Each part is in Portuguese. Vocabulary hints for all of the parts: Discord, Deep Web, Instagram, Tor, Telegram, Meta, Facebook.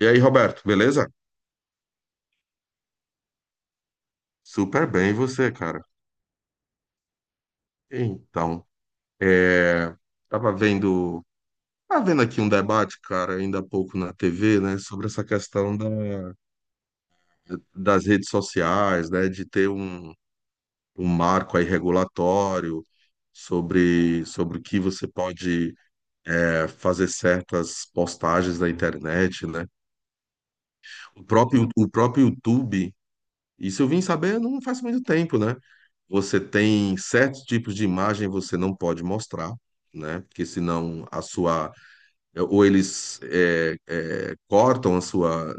E aí, Roberto, beleza? Super bem, e você, cara? Então, é, tava vendo, tava vendo aqui um debate, cara, ainda há pouco na TV, né, sobre essa das redes sociais, né, de ter um marco aí regulatório sobre o que você pode fazer certas postagens na internet, né? O próprio YouTube. Isso eu vim saber não faz muito tempo, né? Você tem certos tipos de imagem que você não pode mostrar, né? Porque senão a sua. Ou eles cortam a sua.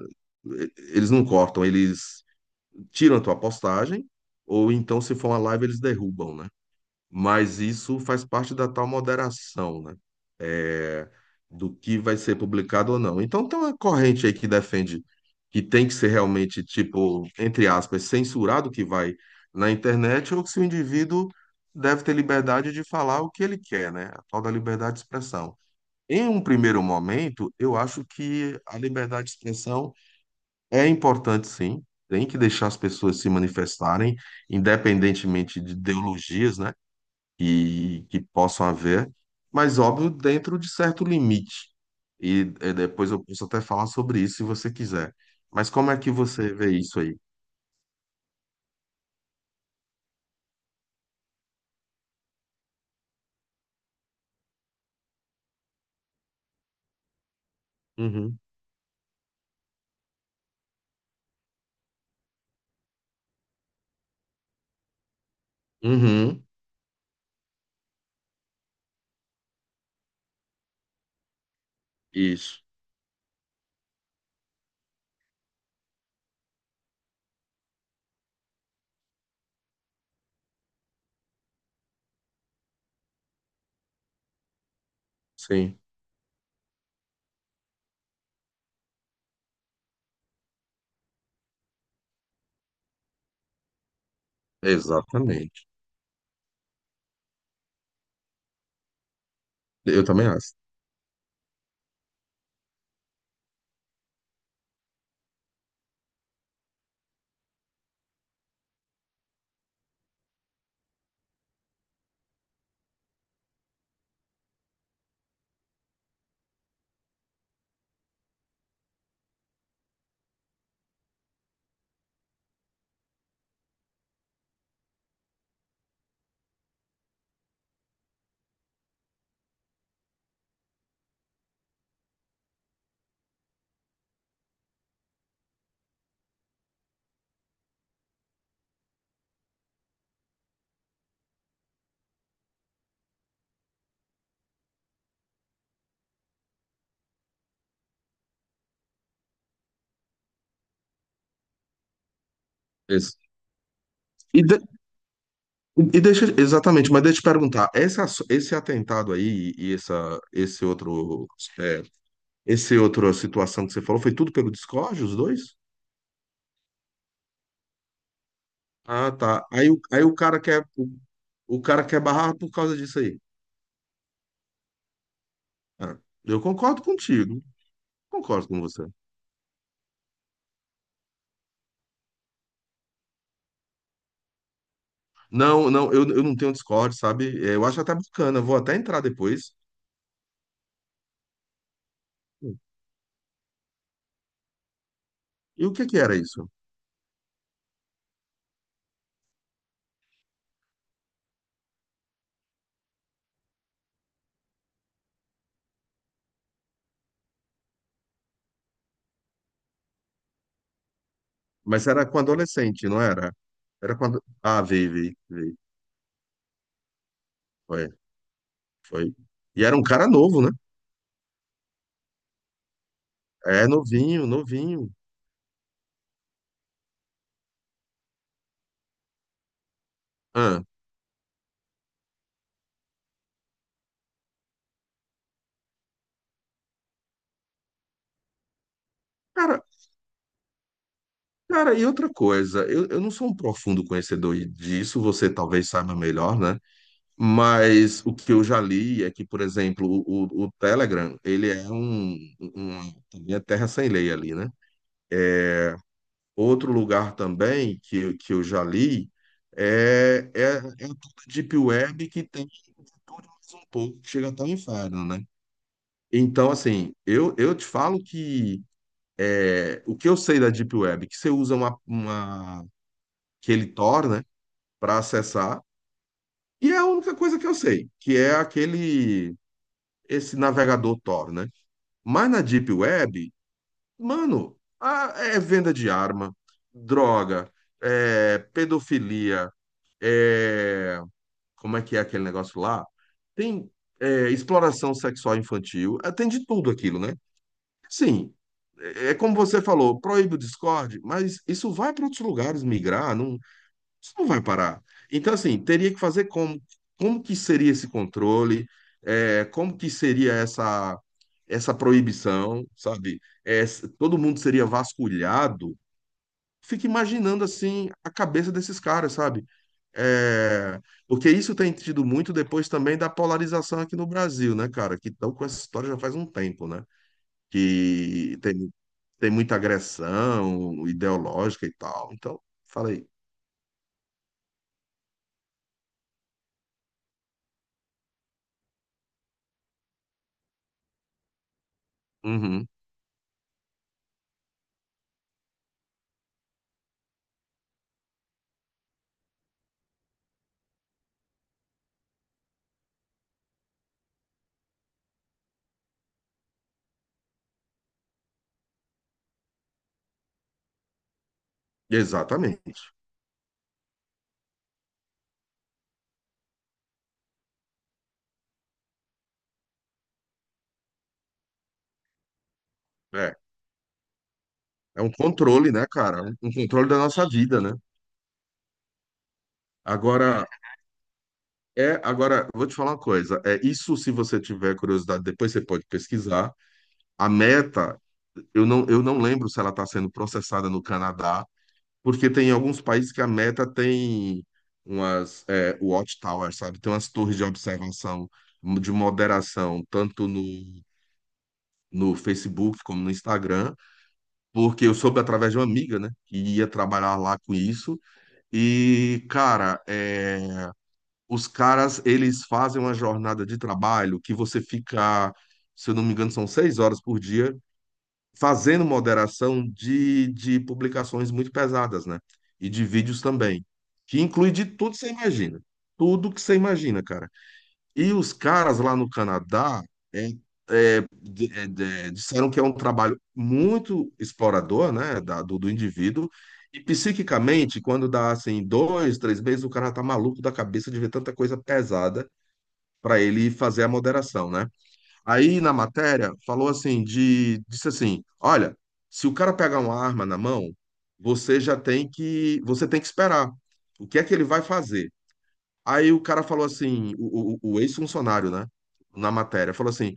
Eles não cortam, eles tiram a tua postagem, ou então, se for uma live, eles derrubam, né? Mas isso faz parte da tal moderação, né? É, do que vai ser publicado ou não. Então tem uma corrente aí que defende que tem que ser realmente, tipo, entre aspas, censurado o que vai na internet, ou que se o indivíduo deve ter liberdade de falar o que ele quer, né? A tal da liberdade de expressão. Em um primeiro momento, eu acho que a liberdade de expressão é importante, sim. Tem que deixar as pessoas se manifestarem, independentemente de ideologias, né? Que possam haver, mas óbvio, dentro de certo limite. Depois eu posso até falar sobre isso se você quiser. Mas como é que você vê isso aí? Uhum. Uhum. Isso. Sim. Exatamente. Eu também acho. Isso. E, de- e deixa, exatamente, mas deixa eu te perguntar, esse atentado aí e esse outro, é, esse outra situação que você falou, foi tudo pelo Discord, os dois? Ah, tá. Aí o cara quer, o cara quer barrar por causa disso aí. É, eu concordo contigo. Concordo com você. Não, não, eu não tenho Discord, sabe? É, eu acho até bacana, vou até entrar depois. E o que que era isso? Mas era com adolescente, não era? Era quando. Ah, veio, veio, veio. Foi, foi. E era um cara novo, né? É, novinho, novinho. Ah, cara, cara, e outra coisa, eu não sou um profundo conhecedor disso, você talvez saiba melhor, né? Mas o que eu já li é que, por exemplo, o Telegram, ele é um, também é terra sem lei ali, né? Outro lugar também que, que eu já li é, é, é tudo Deep Web que tem tudo mais um pouco, que chega até o inferno, né? Então, assim, eu te falo que o que eu sei da Deep Web, que você usa uma que ele, né, para acessar, e é a única coisa que eu sei, que é aquele, esse navegador Tor, né? Mas na Deep Web, mano, é venda de arma, droga, é pedofilia, é, como é que é aquele negócio lá? Tem exploração sexual infantil, é, tem de tudo aquilo, né? Sim, é é como você falou, proíbe o Discord, mas isso vai para outros lugares migrar, não, isso não vai parar. Então, assim, teria que fazer como? Como que seria esse controle? É, como que seria essa proibição, sabe? É, todo mundo seria vasculhado. Fico imaginando, assim, a cabeça desses caras, sabe? É, porque isso tem tido muito depois também da polarização aqui no Brasil, né, cara? Que estão com essa história já faz um tempo, né? Que tem, tem muita agressão ideológica e tal. Então, falei. Exatamente. É, é um controle, né, cara? Um controle da nossa vida, né? Agora, agora, vou te falar uma coisa. É isso, se você tiver curiosidade, depois você pode pesquisar. A Meta, eu não lembro se ela está sendo processada no Canadá, porque tem alguns países que a Meta tem umas, watchtowers, sabe? Tem umas torres de observação, de moderação, tanto no Facebook como no Instagram, porque eu soube através de uma amiga, né, que ia trabalhar lá com isso. E, cara, é, os caras, eles fazem uma jornada de trabalho que você fica, se eu não me engano, são 6 horas por dia, fazendo moderação de publicações muito pesadas, né? E de vídeos também. Que inclui de tudo que você imagina. Tudo que você imagina, cara. E os caras lá no Canadá é, disseram que é um trabalho muito explorador, né, do indivíduo. E psiquicamente, quando dá assim dois, três meses, o cara tá maluco da cabeça de ver tanta coisa pesada para ele fazer a moderação, né? Aí na matéria falou assim de disse assim, olha, se o cara pegar uma arma na mão, você tem que esperar. O que é que ele vai fazer? Aí o cara falou assim, o ex-funcionário, né? Na matéria, falou assim: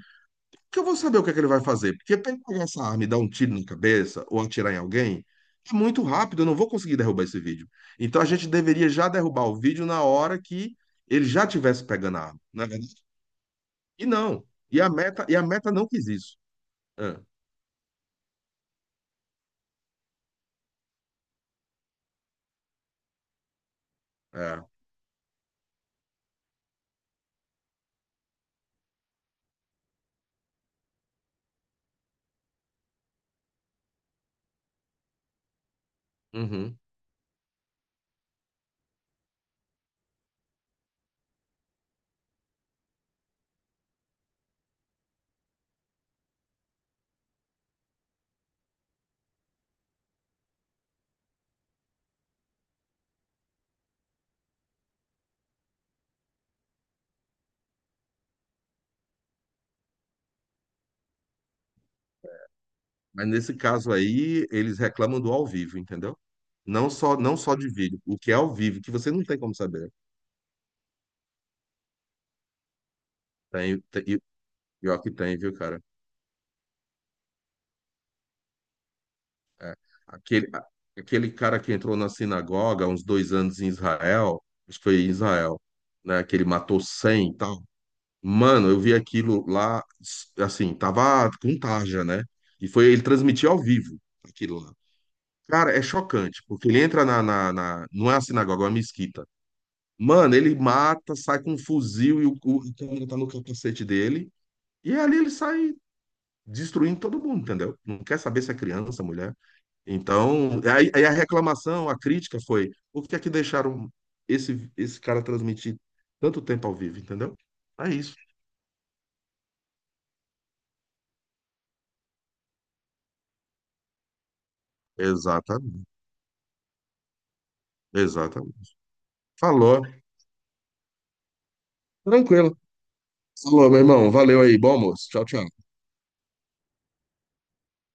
que eu vou saber o que é que ele vai fazer, porque pra ele pegar essa arma e dar um tiro na cabeça ou atirar em alguém, é muito rápido, eu não vou conseguir derrubar esse vídeo. Então a gente deveria já derrubar o vídeo na hora que ele já tivesse pegando a arma, não é verdade? E não. E a meta não quis isso. É, é, uhum. Mas nesse caso aí, eles reclamam do ao vivo, entendeu? Não só de vídeo, o que é ao vivo, que você não tem como saber. Tem, pior que tem, viu, cara? É. Aquele, a- aquele cara que entrou na sinagoga há uns 2 anos em Israel, acho que foi em Israel, né? Que ele matou 100 e tal. Mano, eu vi aquilo lá, assim, tava com tarja, né? E foi ele transmitir ao vivo aquilo lá. Cara, é chocante, porque ele entra não é a sinagoga, é uma mesquita. Mano, ele mata, sai com um fuzil e o a câmera tá no capacete dele. E ali ele sai destruindo todo mundo, entendeu? Não quer saber se é criança, mulher. Aí a reclamação, a crítica foi: por que é que deixaram esse cara transmitir tanto tempo ao vivo, entendeu? É isso. Exatamente, exatamente. Falou. Tranquilo. Falou, meu irmão. Valeu aí. Bom almoço. Tchau, tchau.